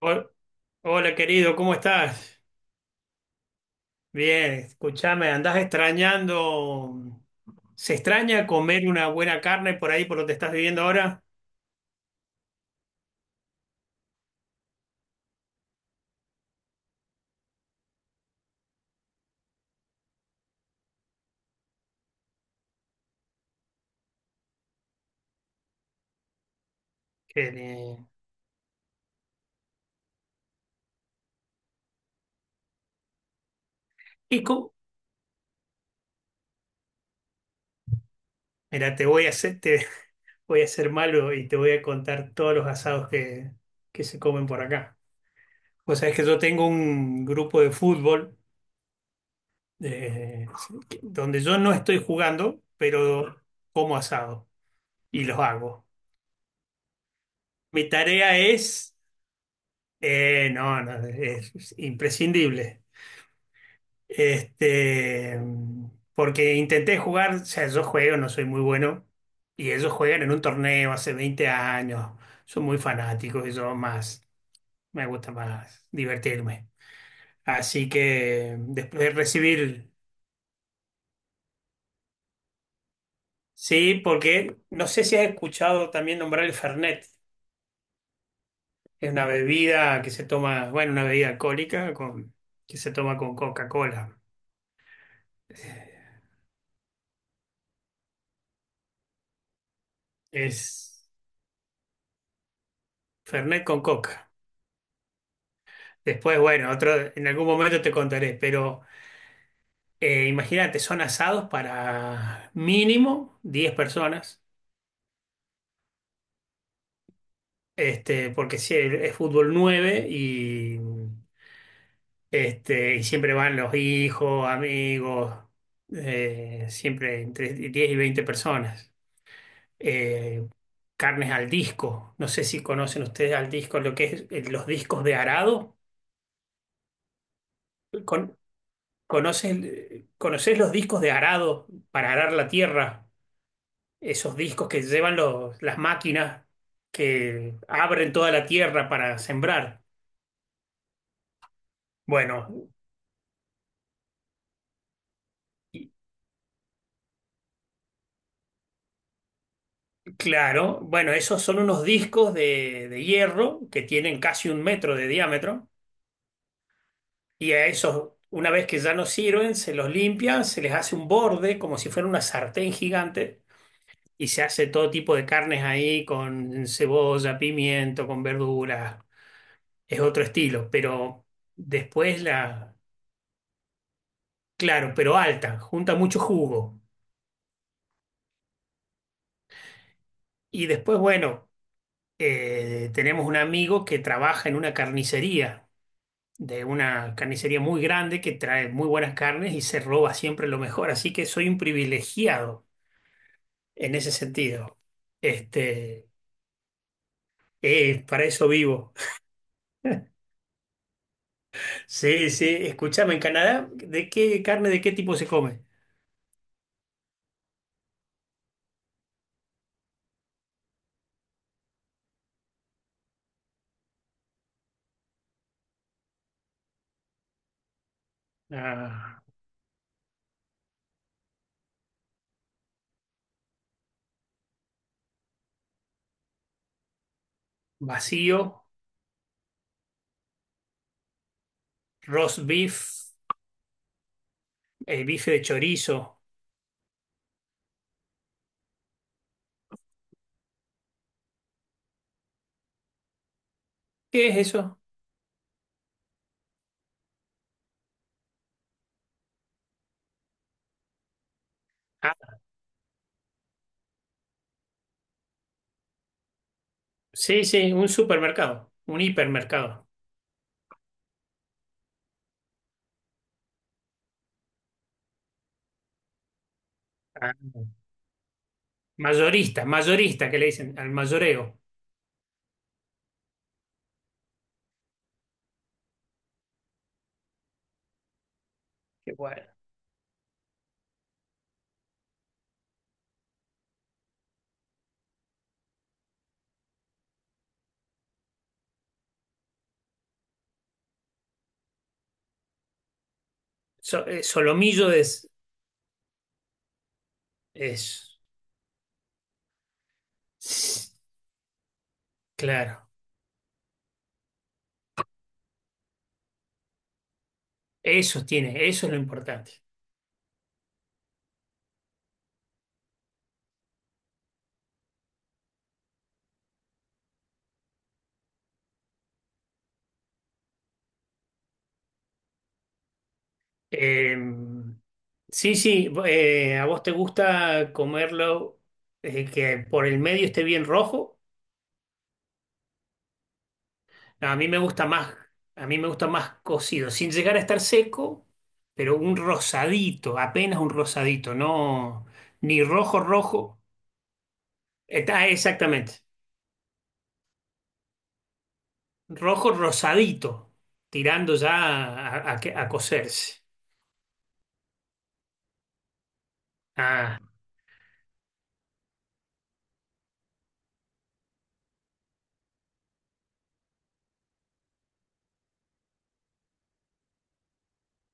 Hol- Hola, querido, ¿cómo estás? Bien, escúchame, andás extrañando. ¿Se extraña comer una buena carne por ahí, por donde estás viviendo ahora? Que le- ¿Y cómo? Mira, te voy a hacer, te voy a ser malo y te voy a contar todos los asados que se comen por acá. Vos sabés que yo tengo un grupo de fútbol eh, donde yo no estoy jugando, pero como asado y los hago. Mi tarea es. No, no, es imprescindible. Este, porque intenté jugar, o sea, yo juego, no soy muy bueno, y ellos juegan en un torneo hace 20 años, son muy fanáticos y yo más, me gusta más divertirme. Así que después de recibir, sí, porque no sé si has escuchado también nombrar el Fernet, es una bebida que se toma, bueno, una bebida alcohólica con, que se toma con Coca-Cola. Es. Fernet con coca. Después, bueno, otro, en algún momento te contaré, pero imagínate, son asados para mínimo 10 personas, este, porque si es fútbol 9 y siempre van los hijos, amigos, siempre entre 10 y 20 personas. Eh, carnes al disco, no sé si conocen ustedes al disco, lo que es los discos de arado. Con, ¿Conoces, conoces los discos de arado para arar la tierra? Esos discos que llevan las máquinas que abren toda la tierra para sembrar. Bueno, claro, bueno, esos son unos discos de hierro que tienen casi 1 metro de diámetro y a esos, una vez que ya no sirven, se los limpia, se les hace un borde como si fuera una sartén gigante y se hace todo tipo de carnes ahí con cebolla, pimiento, con verduras es otro estilo, pero después la, claro, pero alta, junta mucho jugo. Y después, bueno, tenemos un amigo que trabaja en una carnicería, de una carnicería muy grande que trae muy buenas carnes y se roba siempre lo mejor, así que soy un privilegiado en ese sentido. Este, para eso vivo. Sí, sí, escúchame, en Canadá, ¿de qué carne, de qué tipo se come? Ah, vacío, roast beef. El bife de chorizo. ¿Qué es eso? Ah, sí, sí, un supermercado, un hipermercado. Ah, mayorista que le dicen al mayoreo. Qué bueno. Solomillo es. Claro, eso tiene, eso es lo importante. Eh, sí, sí, a vos te gusta comerlo que por el medio esté bien rojo. A mí me gusta más, a mí me gusta más cocido, sin llegar a estar seco, pero un rosadito, apenas un rosadito, no ni rojo rojo. Está exactamente. Rojo rosadito, tirando ya a a cocerse. Ah,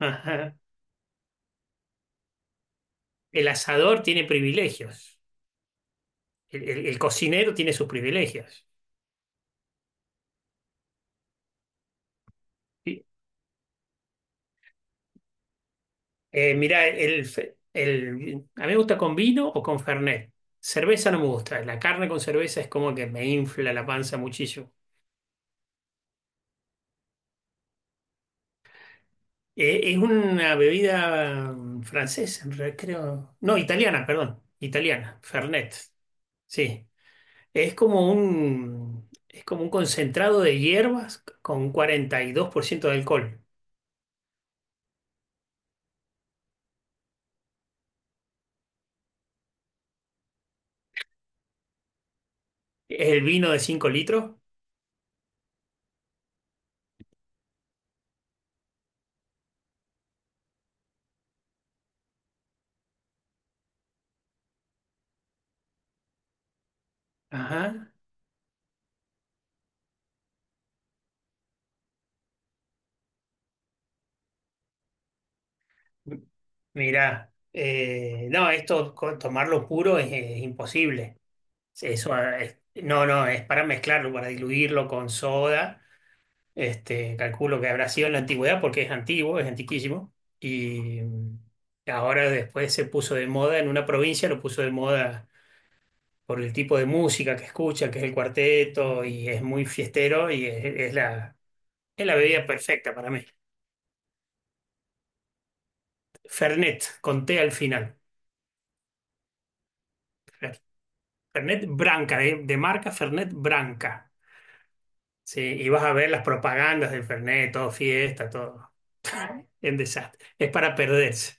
ajá. El asador tiene privilegios. El cocinero tiene sus privilegios. Mirá, a mí me gusta con vino o con Fernet. Cerveza no me gusta. La carne con cerveza es como que me infla la panza muchísimo. Es una bebida francesa, en realidad, creo. No, italiana, perdón. Italiana, Fernet. Sí. Es como un concentrado de hierbas con 42% de alcohol. Es el vino de 5 litros. Ajá. Mirá, no, esto tomarlo puro es imposible. Eso no, no, es para mezclarlo, para diluirlo con soda. Este, calculo que habrá sido en la antigüedad porque es antiguo, es antiquísimo. Y ahora después se puso de moda en una provincia, lo puso de moda por el tipo de música que escucha, que es el cuarteto y es muy fiestero y es la bebida perfecta para mí. Fernet, con té al final. Fer- Fernet Branca, de marca Fernet Branca. Sí, y vas a ver las propagandas del Fernet, todo fiesta, todo en desastre. Es para perderse.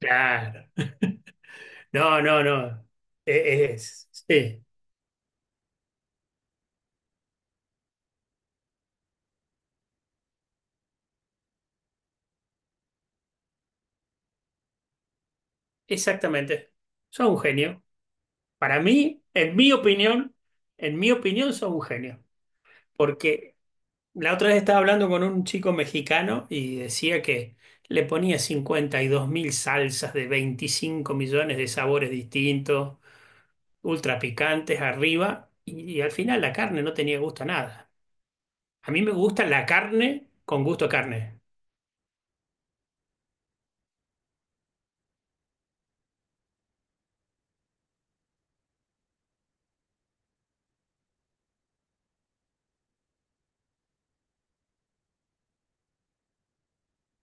Claro. No, no, no. Es, sí, exactamente. Son un genio. Para mí, en mi opinión, son un genio. Porque la otra vez estaba hablando con un chico mexicano y decía que le ponía 52.000 salsas de 25 millones de sabores distintos, ultra picantes arriba, y al final la carne no tenía gusto a nada. A mí me gusta la carne con gusto a carne.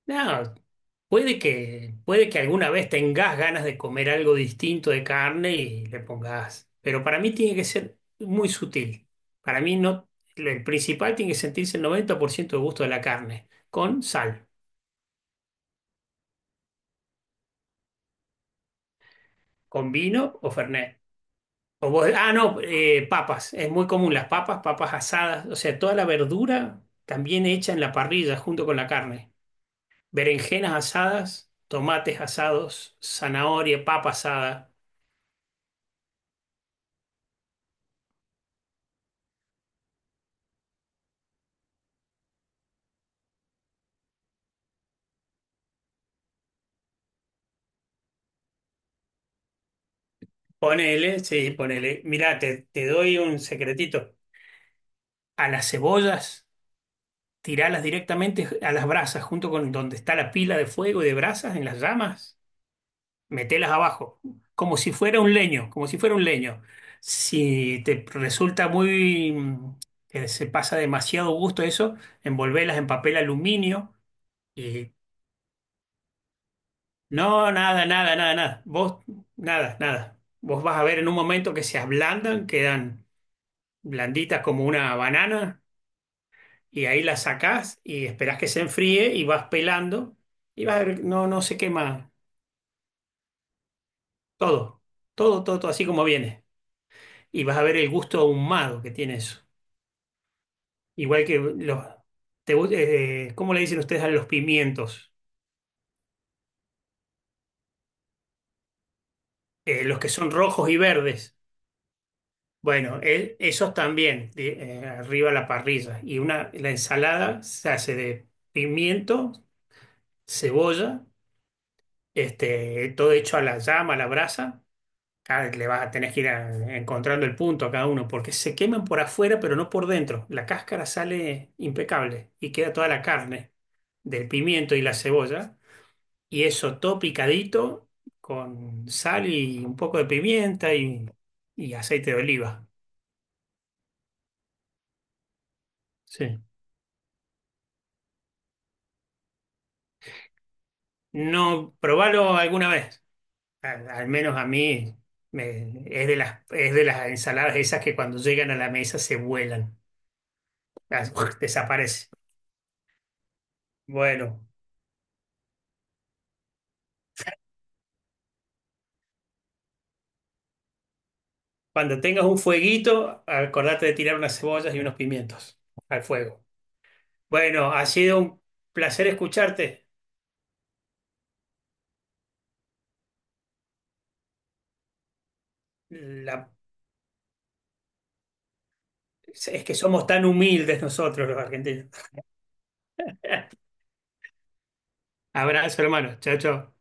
No, puede que alguna vez tengas ganas de comer algo distinto de carne y le pongas, pero para mí tiene que ser muy sutil. Para mí no, el principal tiene que sentirse el 90% de gusto de la carne, con sal, con vino o fernet. O vos- ah, no, papas. Es muy común las papas, papas asadas, o sea, toda la verdura también hecha en la parrilla junto con la carne. Berenjenas asadas, tomates asados, zanahoria, papa asada. Ponele, sí, ponele. Mirá, te doy un secretito. A las cebollas, tiralas directamente a las brasas, junto con donde está la pila de fuego y de brasas en las llamas. Metelas abajo, como si fuera un leño, como si fuera un leño. Si te resulta muy, que se pasa demasiado gusto eso, envolvelas en papel aluminio y no, nada, nada, nada, nada. Vos, nada, nada. Vos vas a ver en un momento que se ablandan, quedan blanditas como una banana. Y ahí la sacás y esperás que se enfríe y vas pelando y vas a ver, no, no se quema todo, todo, todo, todo así como viene. Y vas a ver el gusto ahumado que tiene eso. Igual que los, ¿cómo le dicen ustedes a los pimientos? Los que son rojos y verdes. Bueno, esos también, arriba a la parrilla. Y la ensalada se hace de pimiento, cebolla, este, todo hecho a la llama, a la brasa. Ah, le vas a tener que ir encontrando el punto a cada uno, porque se queman por afuera, pero no por dentro. La cáscara sale impecable y queda toda la carne del pimiento y la cebolla. Y eso todo picadito con sal y un poco de pimienta y aceite de oliva. Sí. No, probalo alguna vez. Al menos a mí es de las, ensaladas esas que cuando llegan a la mesa se vuelan, Las- desaparece. Bueno. Cuando tengas un fueguito, acordate de tirar unas cebollas y unos pimientos al fuego. Bueno, ha sido un placer escucharte. La- Es que somos tan humildes nosotros los argentinos. Abrazo, hermano. Chao, chao.